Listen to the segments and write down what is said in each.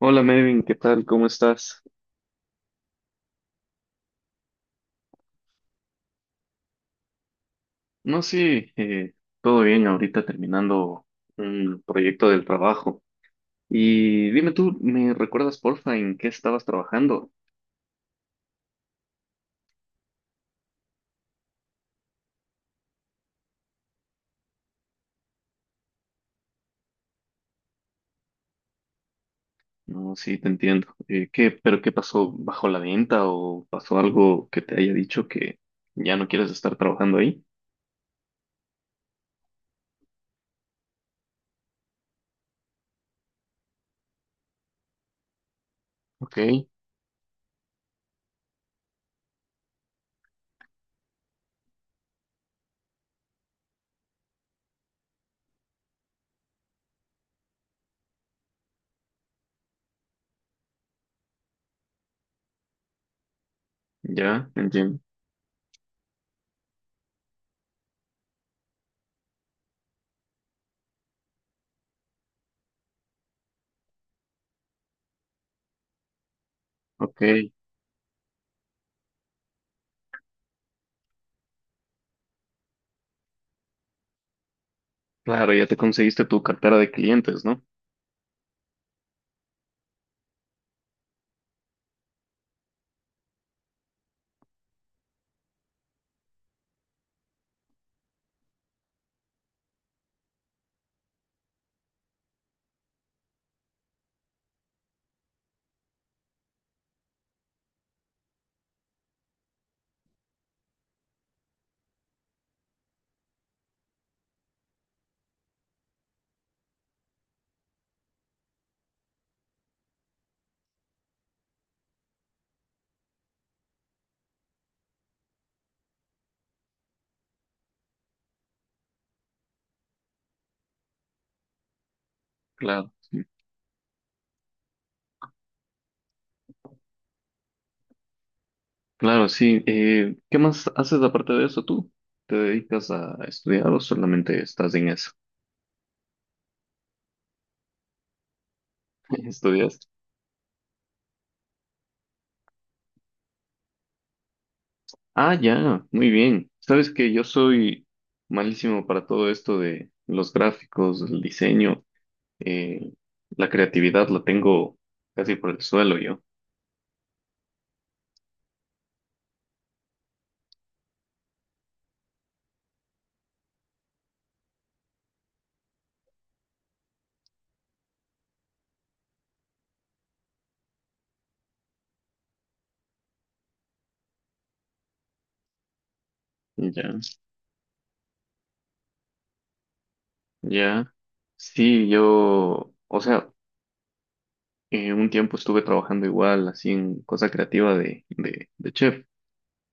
Hola Melvin, ¿qué tal? ¿Cómo estás? No, sí, todo bien, ahorita terminando un proyecto del trabajo. Y dime tú, ¿me recuerdas porfa en qué estabas trabajando? No, sí, te entiendo. ¿Qué, pero qué pasó bajo la venta o pasó algo que te haya dicho que ya no quieres estar trabajando ahí? Ok, ya, entiendo. Ok, claro, ya te conseguiste tu cartera de clientes, ¿no? Claro. Claro, sí. ¿Qué más haces aparte de eso tú? ¿Te dedicas a estudiar o solamente estás en eso? ¿Estudias? Ah, ya, muy bien. Sabes que yo soy malísimo para todo esto de los gráficos, el diseño, eh, la creatividad la tengo casi por el suelo yo. Ya, ya. Sí, yo, o sea, un tiempo estuve trabajando igual, así en cosa creativa de, de chef.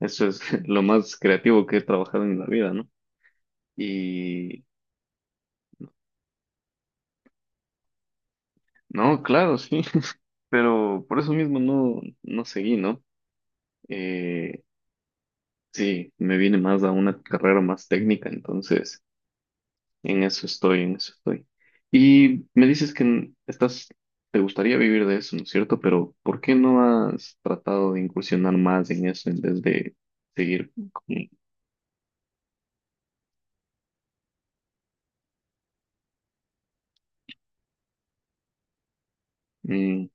Eso es lo más creativo que he trabajado en la vida, ¿no? Y no, claro, sí, pero por eso mismo no, no seguí, ¿no? Eh, sí, me vine más a una carrera más técnica, entonces en eso estoy, en eso estoy. Y me dices que estás, te gustaría vivir de eso, ¿no es cierto? Pero ¿por qué no has tratado de incursionar más en eso en vez de seguir con... Mm,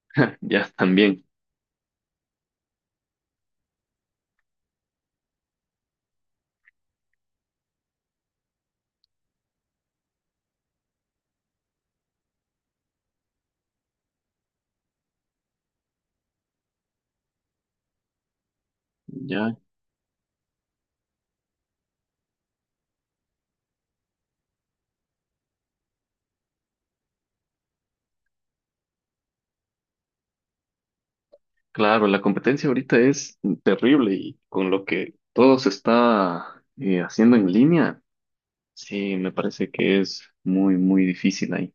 ya, también. Ya, claro, la competencia ahorita es terrible y con lo que todo se está haciendo en línea, sí, me parece que es muy, muy difícil ahí.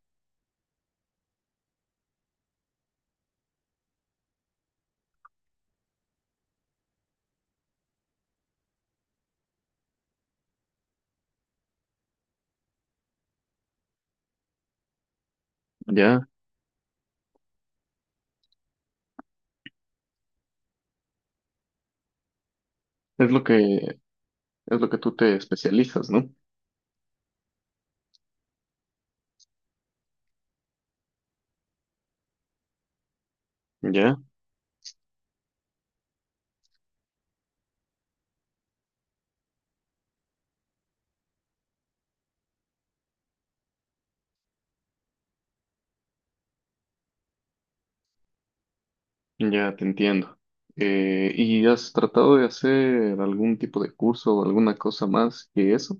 Ya, es lo que tú te especializas, ¿no? Ya, ya te entiendo. ¿Y has tratado de hacer algún tipo de curso o alguna cosa más que eso?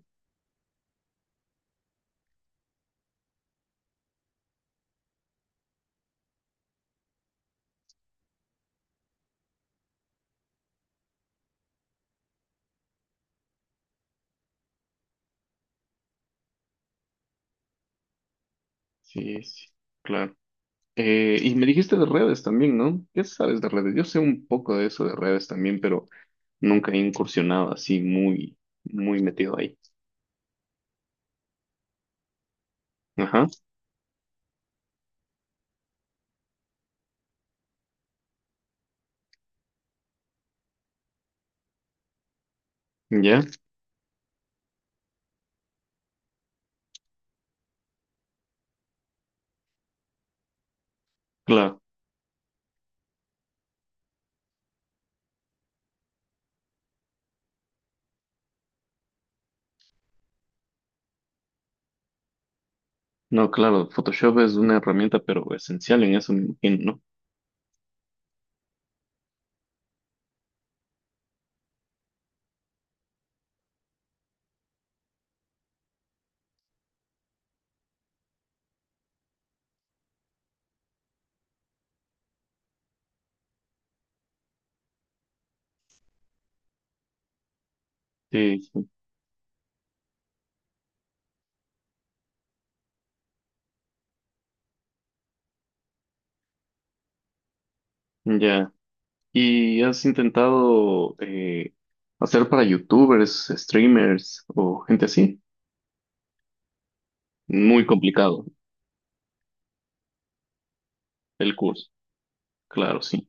Sí, sí, claro. Y me dijiste de redes también, ¿no? ¿Qué sabes de redes? Yo sé un poco de eso de redes también, pero nunca he incursionado así muy, muy metido ahí. Ajá, ya, claro. No, claro, Photoshop es una herramienta, pero esencial en eso, me imagino, ¿no? Sí, sí, ya. ¿Y has intentado hacer para youtubers, streamers o gente así? Muy complicado el curso, claro, sí.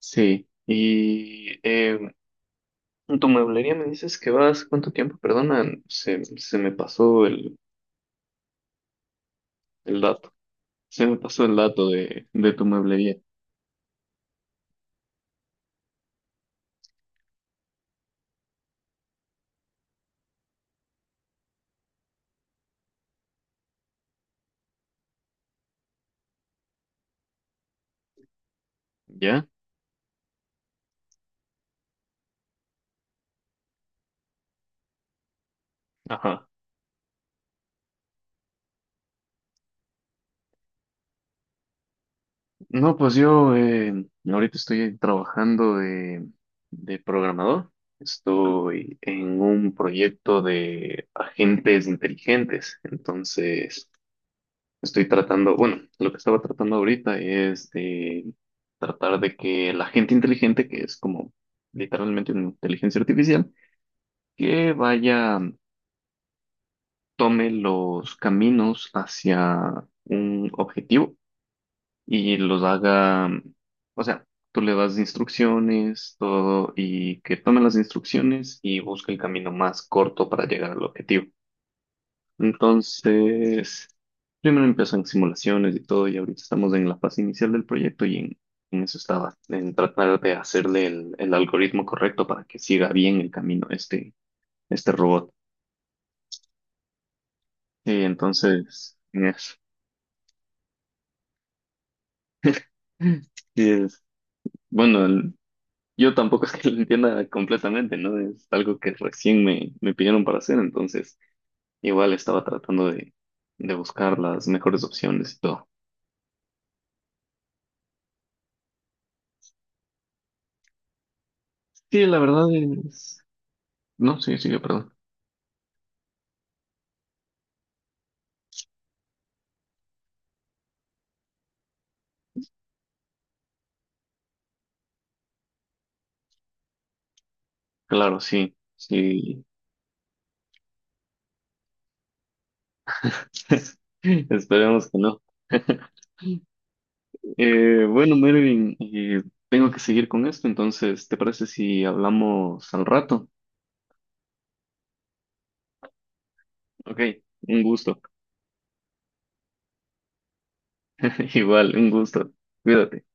Sí. En tu mueblería me dices que vas, ¿cuánto tiempo? Perdona, se me pasó el dato. Se me pasó el dato de tu mueblería. ¿Ya? Ajá. No, pues yo ahorita estoy trabajando de programador. Estoy en un proyecto de agentes inteligentes. Entonces, estoy tratando, bueno, lo que estaba tratando ahorita es de tratar de que el agente inteligente, que es como literalmente una inteligencia artificial, que vaya, tome los caminos hacia un objetivo y los haga, o sea, tú le das instrucciones, todo, y que tome las instrucciones y busque el camino más corto para llegar al objetivo. Entonces, primero empiezan simulaciones y todo, y ahorita estamos en la fase inicial del proyecto y en eso estaba, en tratar de hacerle el algoritmo correcto para que siga bien el camino este, este robot. Y entonces... en. Y es, bueno, yo tampoco es que lo entienda completamente, ¿no? Es algo que recién me, me pidieron para hacer, entonces igual estaba tratando de buscar las mejores opciones y todo. Sí, la verdad es... No, sí, sí, perdón. Claro, sí, sí. Esperemos que no. Bueno, Mervin, tengo que seguir con esto, entonces, ¿te parece si hablamos al rato? Ok, un gusto. Igual, un gusto. Cuídate.